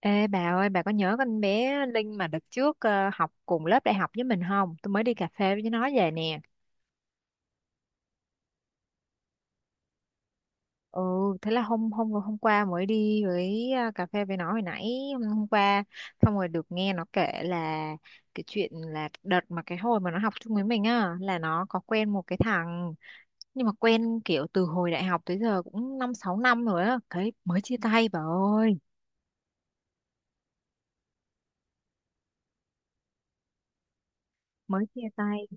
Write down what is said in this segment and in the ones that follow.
Ê bà ơi, bà có nhớ con bé Linh mà đợt trước học cùng lớp đại học với mình không? Tôi mới đi cà phê với nó về nè. Ừ, thế là hôm hôm hôm qua mới đi với cà phê với nó hồi nãy hôm qua, xong rồi được nghe nó kể là cái chuyện là đợt mà cái hồi mà nó học chung với mình á, là nó có quen một cái thằng, nhưng mà quen kiểu từ hồi đại học tới giờ cũng 5 6 năm rồi á, cái mới chia tay bà ơi, mới chia tay.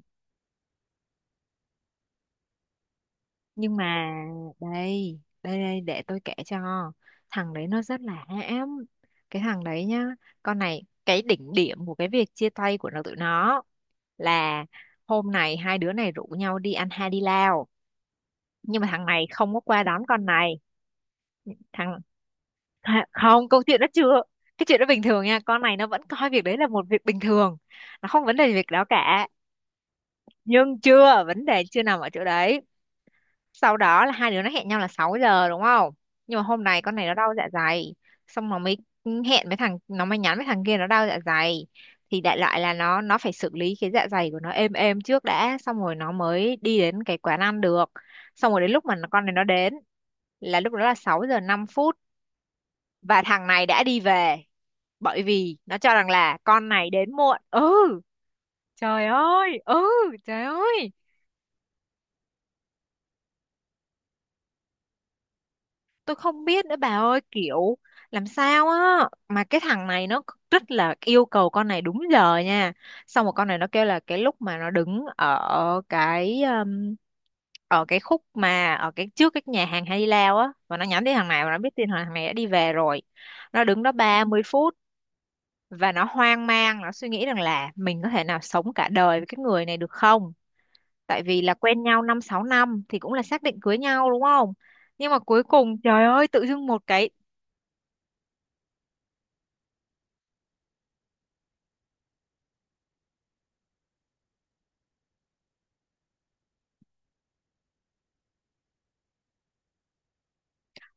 Nhưng mà đây đây đây, để tôi kể cho. Thằng đấy nó rất là hãm. Cái thằng đấy nhá, con này, cái đỉnh điểm của cái việc chia tay của tụi nó là hôm này hai đứa này rủ nhau đi ăn Hai đi lao, nhưng mà thằng này không có qua đón con này. Thằng... Hả? Không, câu chuyện nó chưa. Cái chuyện đó bình thường nha, con này nó vẫn coi việc đấy là một việc bình thường, nó không vấn đề gì việc đó cả. Nhưng chưa, vấn đề chưa nằm ở chỗ đấy. Sau đó là hai đứa nó hẹn nhau là 6 giờ, đúng không? Nhưng mà hôm nay con này nó đau dạ dày, xong nó mới hẹn với thằng, nó mới nhắn với thằng kia nó đau dạ dày, thì đại loại là nó phải xử lý cái dạ dày của nó êm êm trước đã, xong rồi nó mới đi đến cái quán ăn được. Xong rồi đến lúc mà con này nó đến là lúc đó là 6 giờ 5 phút, và thằng này đã đi về, bởi vì nó cho rằng là con này đến muộn. Ừ, trời ơi, ừ, trời ơi. Tôi không biết nữa bà ơi, kiểu làm sao á, mà cái thằng này nó rất là yêu cầu con này đúng giờ nha. Xong rồi con này nó kêu là cái lúc mà nó đứng ở cái khúc mà ở cái trước cái nhà hàng Hai Di Lao á, và nó nhắm đến thằng này và nó biết tin thằng này đã đi về rồi, nó đứng đó 30 phút. Và nó hoang mang, nó suy nghĩ rằng là mình có thể nào sống cả đời với cái người này được không, tại vì là quen nhau 5 6 năm thì cũng là xác định cưới nhau, đúng không? Nhưng mà cuối cùng, trời ơi, tự dưng một cái...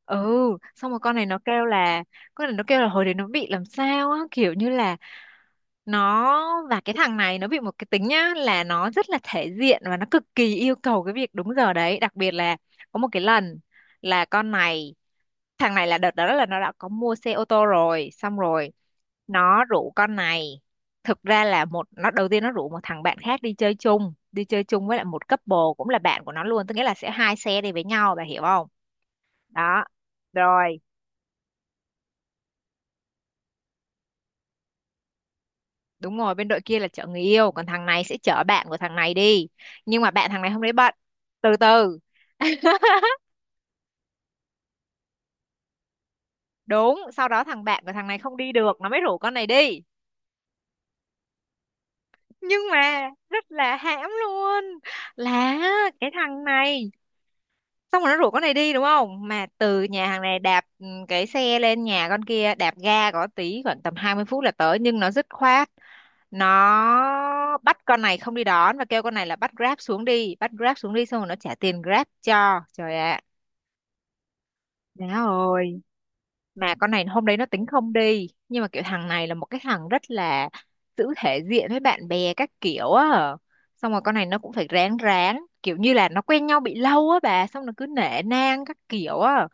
Ừ, xong rồi con này nó kêu là, hồi đấy nó bị làm sao á, kiểu như là nó và cái thằng này nó bị một cái tính nhá, là nó rất là thể diện và nó cực kỳ yêu cầu cái việc đúng giờ đấy. Đặc biệt là có một cái lần là con này... thằng này, là đợt đó là nó đã có mua xe ô tô rồi, xong rồi nó rủ con này. Thực ra là một nó đầu tiên nó rủ một thằng bạn khác đi chơi chung, đi chơi chung với lại một couple cũng là bạn của nó luôn, tức nghĩa là sẽ hai xe đi với nhau, bà hiểu không? Đó, rồi, đúng rồi, bên đội kia là chở người yêu, còn thằng này sẽ chở bạn của thằng này đi. Nhưng mà bạn thằng này hôm đấy bận. Từ từ, đúng. Sau đó thằng bạn của thằng này không đi được, nó mới rủ con này đi. Nhưng mà rất là hãm luôn, là cái thằng này, xong rồi nó rủ con này đi, đúng không? Mà từ nhà hàng này đạp cái xe lên nhà con kia đạp ga có tí, khoảng tầm 20 phút là tới, nhưng nó dứt khoát nó bắt con này không đi đón, và kêu con này là bắt Grab xuống đi, bắt Grab xuống đi, xong rồi nó trả tiền Grab cho. Trời ạ, má ơi, mà con này hôm đấy nó tính không đi. Nhưng mà kiểu thằng này là một cái thằng rất là giữ thể diện với bạn bè các kiểu á. Xong rồi con này nó cũng phải ráng ráng, kiểu như là nó quen nhau bị lâu á bà, xong nó cứ nể nang các kiểu á.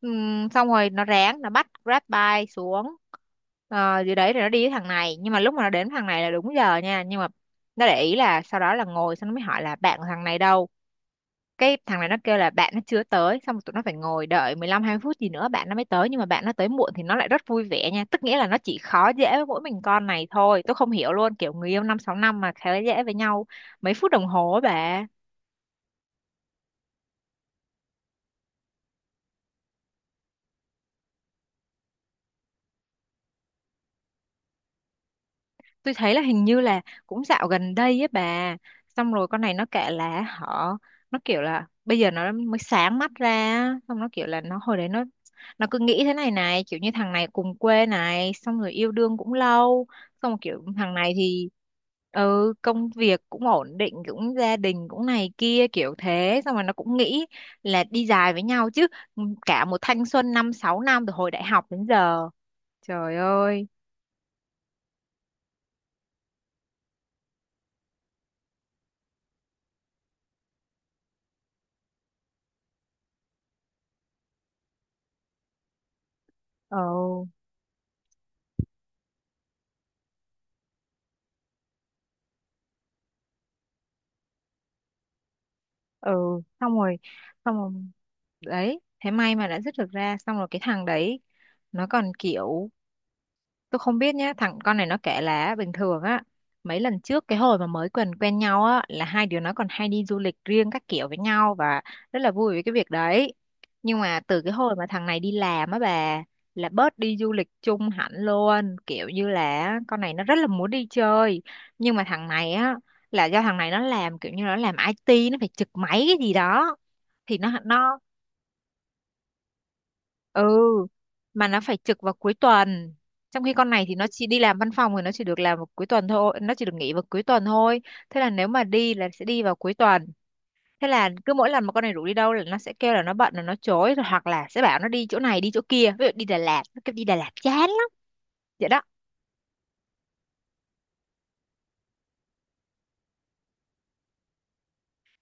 Xong rồi nó ráng, nó bắt Grab bike xuống. Ờ, dưới đấy rồi nó đi với thằng này. Nhưng mà lúc mà nó đến với thằng này là đúng giờ nha. Nhưng mà nó để ý là sau đó là ngồi xong nó mới hỏi là bạn của thằng này đâu. Cái thằng này nó kêu là bạn nó chưa tới, xong rồi tụi nó phải ngồi đợi 15 hai phút gì nữa bạn nó mới tới. Nhưng mà bạn nó tới muộn thì nó lại rất vui vẻ nha, tức nghĩa là nó chỉ khó dễ với mỗi mình con này thôi. Tôi không hiểu luôn, kiểu người yêu 5 6 năm mà khá dễ với nhau mấy phút đồng hồ á bà. Tôi thấy là hình như là cũng dạo gần đây ấy bà. Xong rồi con này nó kể là họ... nó kiểu là bây giờ nó mới sáng mắt ra á. Xong nó kiểu là nó hồi đấy nó... nó cứ nghĩ thế này này, kiểu như thằng này cùng quê này, xong rồi yêu đương cũng lâu, xong rồi kiểu thằng này thì, ừ, công việc cũng ổn định, cũng gia đình cũng này kia kiểu thế. Xong rồi nó cũng nghĩ là đi dài với nhau chứ, cả một thanh xuân 5 6 năm từ hồi đại học đến giờ. Trời ơi, ừ, ừ, xong rồi, xong rồi đấy. Thế may mà đã dứt được ra. Xong rồi cái thằng đấy nó còn kiểu... tôi không biết nhá, con này nó kể là bình thường á, mấy lần trước cái hồi mà mới quen quen nhau á, là hai đứa nó còn hay đi du lịch riêng các kiểu với nhau và rất là vui với cái việc đấy. Nhưng mà từ cái hồi mà thằng này đi làm á bà, là bớt đi du lịch chung hẳn luôn, kiểu như là con này nó rất là muốn đi chơi, nhưng mà thằng này á, là do thằng này nó làm, kiểu như nó làm IT, nó phải trực máy cái gì đó, thì nó ừ mà nó phải trực vào cuối tuần, trong khi con này thì nó chỉ đi làm văn phòng thì nó chỉ được làm vào cuối tuần thôi, nó chỉ được nghỉ vào cuối tuần thôi. Thế là nếu mà đi là sẽ đi vào cuối tuần. Thế là cứ mỗi lần mà con này rủ đi đâu là nó sẽ kêu là nó bận, là nó chối rồi, hoặc là sẽ bảo nó đi chỗ này đi chỗ kia, ví dụ đi Đà Lạt nó kêu đi Đà Lạt chán lắm. Vậy đó.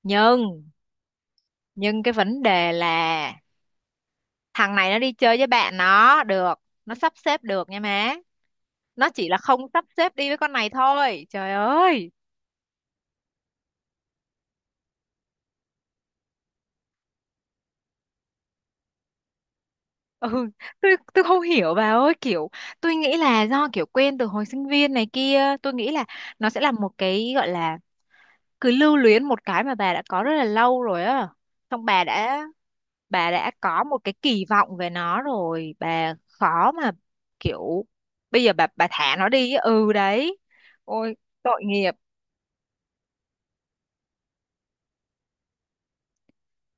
nhưng nhưng cái vấn đề là thằng này nó đi chơi với bạn nó được, nó sắp xếp được nha má, nó chỉ là không sắp xếp đi với con này thôi, trời ơi. Ừ, tôi không hiểu bà ơi, kiểu tôi nghĩ là do kiểu quen từ hồi sinh viên này kia, tôi nghĩ là nó sẽ là một cái gọi là cứ lưu luyến một cái mà bà đã có rất là lâu rồi á. Xong bà đã, bà đã có một cái kỳ vọng về nó rồi, bà khó mà kiểu bây giờ bà thả nó đi á. Ừ, đấy. Ôi, tội nghiệp.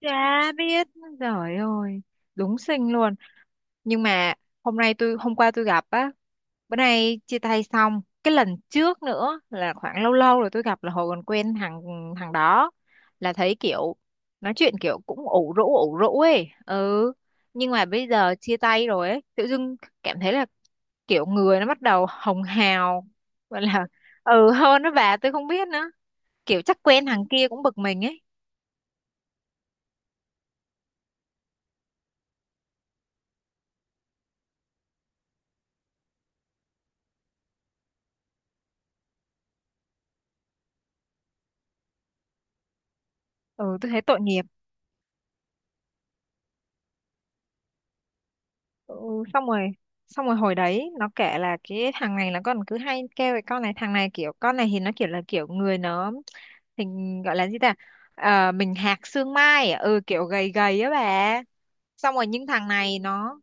Chả biết, trời ơi, đúng xinh luôn. Nhưng mà hôm qua tôi gặp á, bữa nay chia tay xong. Cái lần trước nữa là khoảng lâu lâu rồi tôi gặp là hồi còn quen thằng thằng đó. Là thấy kiểu, nói chuyện kiểu cũng ủ rũ ấy. Ừ, nhưng mà bây giờ chia tay rồi ấy, tự dưng cảm thấy là kiểu người nó bắt đầu hồng hào. Gọi là, ừ hơn đó bà, tôi không biết nữa. Kiểu chắc quen thằng kia cũng bực mình ấy. Ừ, tôi thấy tội nghiệp. Ừ, xong rồi, xong rồi hồi đấy nó kể là cái thằng này là con cứ hay kêu cái con này, thằng này kiểu, con này thì nó kiểu là kiểu người nó hình, gọi là gì ta? Ờ, mình hạc xương mai à? Ừ, kiểu gầy gầy á bà. Xong rồi những thằng này nó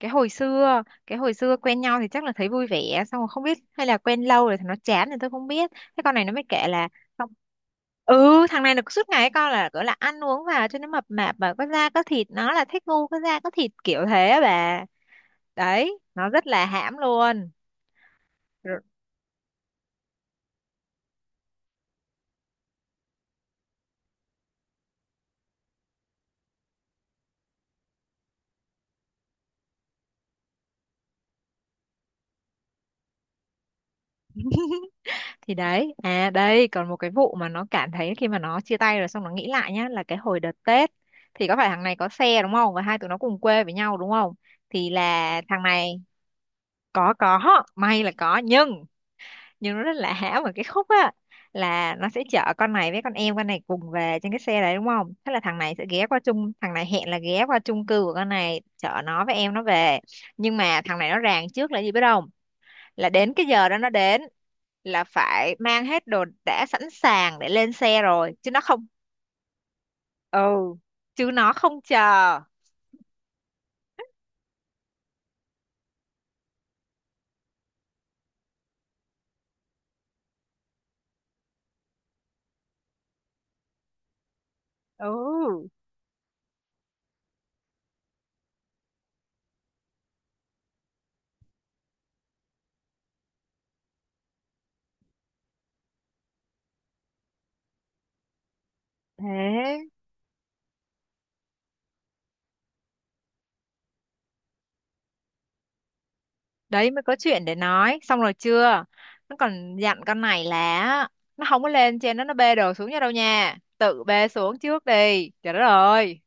cái hồi xưa quen nhau thì chắc là thấy vui vẻ, xong rồi không biết hay là quen lâu rồi thì nó chán thì tôi không biết. Thế con này nó mới kể là xong- ừ, thằng này là suốt ngày con là gọi là ăn uống vào cho nó mập mạp và có da có thịt, nó là thích ngu có da có thịt kiểu thế á bà. Đấy, nó rất là hãm luôn. Rồi- thì đấy, à đây còn một cái vụ mà nó cảm thấy khi mà nó chia tay rồi, xong nó nghĩ lại nhá, là cái hồi đợt Tết thì có phải thằng này có xe đúng không, và hai tụi nó cùng quê với nhau đúng không, thì là thằng này có, may là có nhưng nó rất là hãm ở cái khúc á. Là nó sẽ chở con này với con em con này cùng về trên cái xe đấy đúng không. Thế là thằng này hẹn là ghé qua chung cư của con này, chở nó với em nó về. Nhưng mà thằng này nó ràng trước là gì biết không? Là đến cái giờ đó nó đến là phải mang hết đồ đã sẵn sàng để lên xe rồi, chứ nó không. Ừ, chứ nó không chờ. Ừ, thế đấy mới có chuyện để nói, xong rồi chưa. Nó còn dặn con này là nó không có lên trên, nó bê đồ xuống nha đâu nha, tự bê xuống trước đi. Trời đất ơi!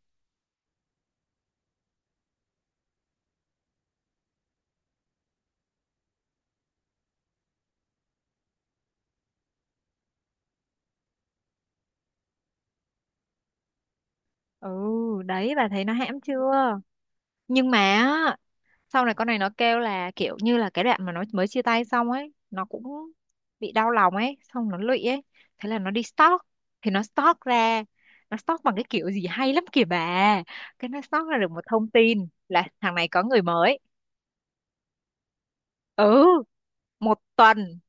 Ừ, đấy bà thấy nó hãm chưa. Nhưng mà á, sau này con này nó kêu là kiểu như là cái đoạn mà nó mới chia tay xong ấy, nó cũng bị đau lòng ấy, xong nó lụy ấy. Thế là nó đi stalk. Thì nó stalk ra, nó stalk bằng cái kiểu gì hay lắm kìa bà. Cái nó stalk ra được một thông tin là thằng này có người mới. Ừ, một tuần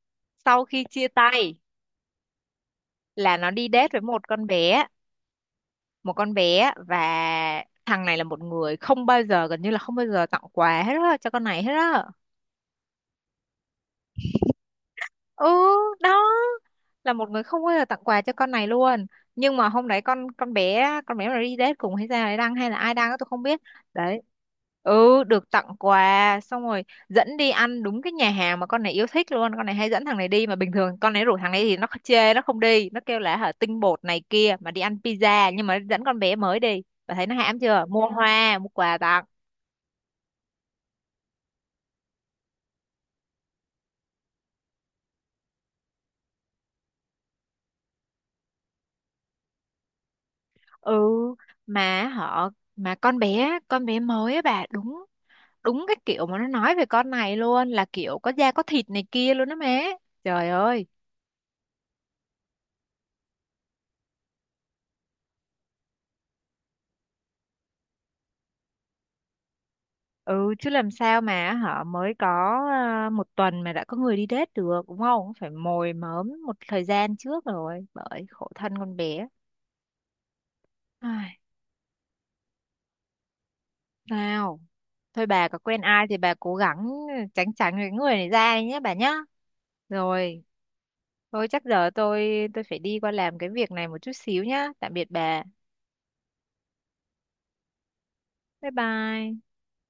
sau khi chia tay là nó đi date với một con bé. Và thằng này là một người không bao giờ, gần như là không bao giờ tặng quà hết á cho con này hết á. Ừ, đó là một người không bao giờ tặng quà cho con này luôn. Nhưng mà hôm đấy con bé mà đi date cùng hay ra đấy đăng, hay là ai đăng á, tôi không biết. Đấy, ừ, được tặng quà xong rồi dẫn đi ăn đúng cái nhà hàng mà con này yêu thích luôn. Con này hay dẫn thằng này đi mà bình thường con này rủ thằng này thì nó chê, nó không đi, nó kêu là hả, tinh bột này kia, mà đi ăn pizza. Nhưng mà dẫn con bé mới đi, bà thấy nó hãm chưa, mua hoa mua quà tặng. Ừ, mà họ, mà con bé mới á bà, đúng đúng cái kiểu mà nó nói về con này luôn, là kiểu có da có thịt này kia luôn đó má. Trời ơi! Ừ, chứ làm sao mà họ mới có, à, một tuần mà đã có người đi date được. Đúng không phải mồi mớm một thời gian trước rồi, bởi khổ thân con bé. Ai, sao. Thôi, bà có quen ai thì bà cố gắng tránh tránh cái người này ra đi nhé bà nhá. Rồi, thôi chắc giờ tôi phải đi qua làm cái việc này một chút xíu nhá. Tạm biệt bà. Bye bye.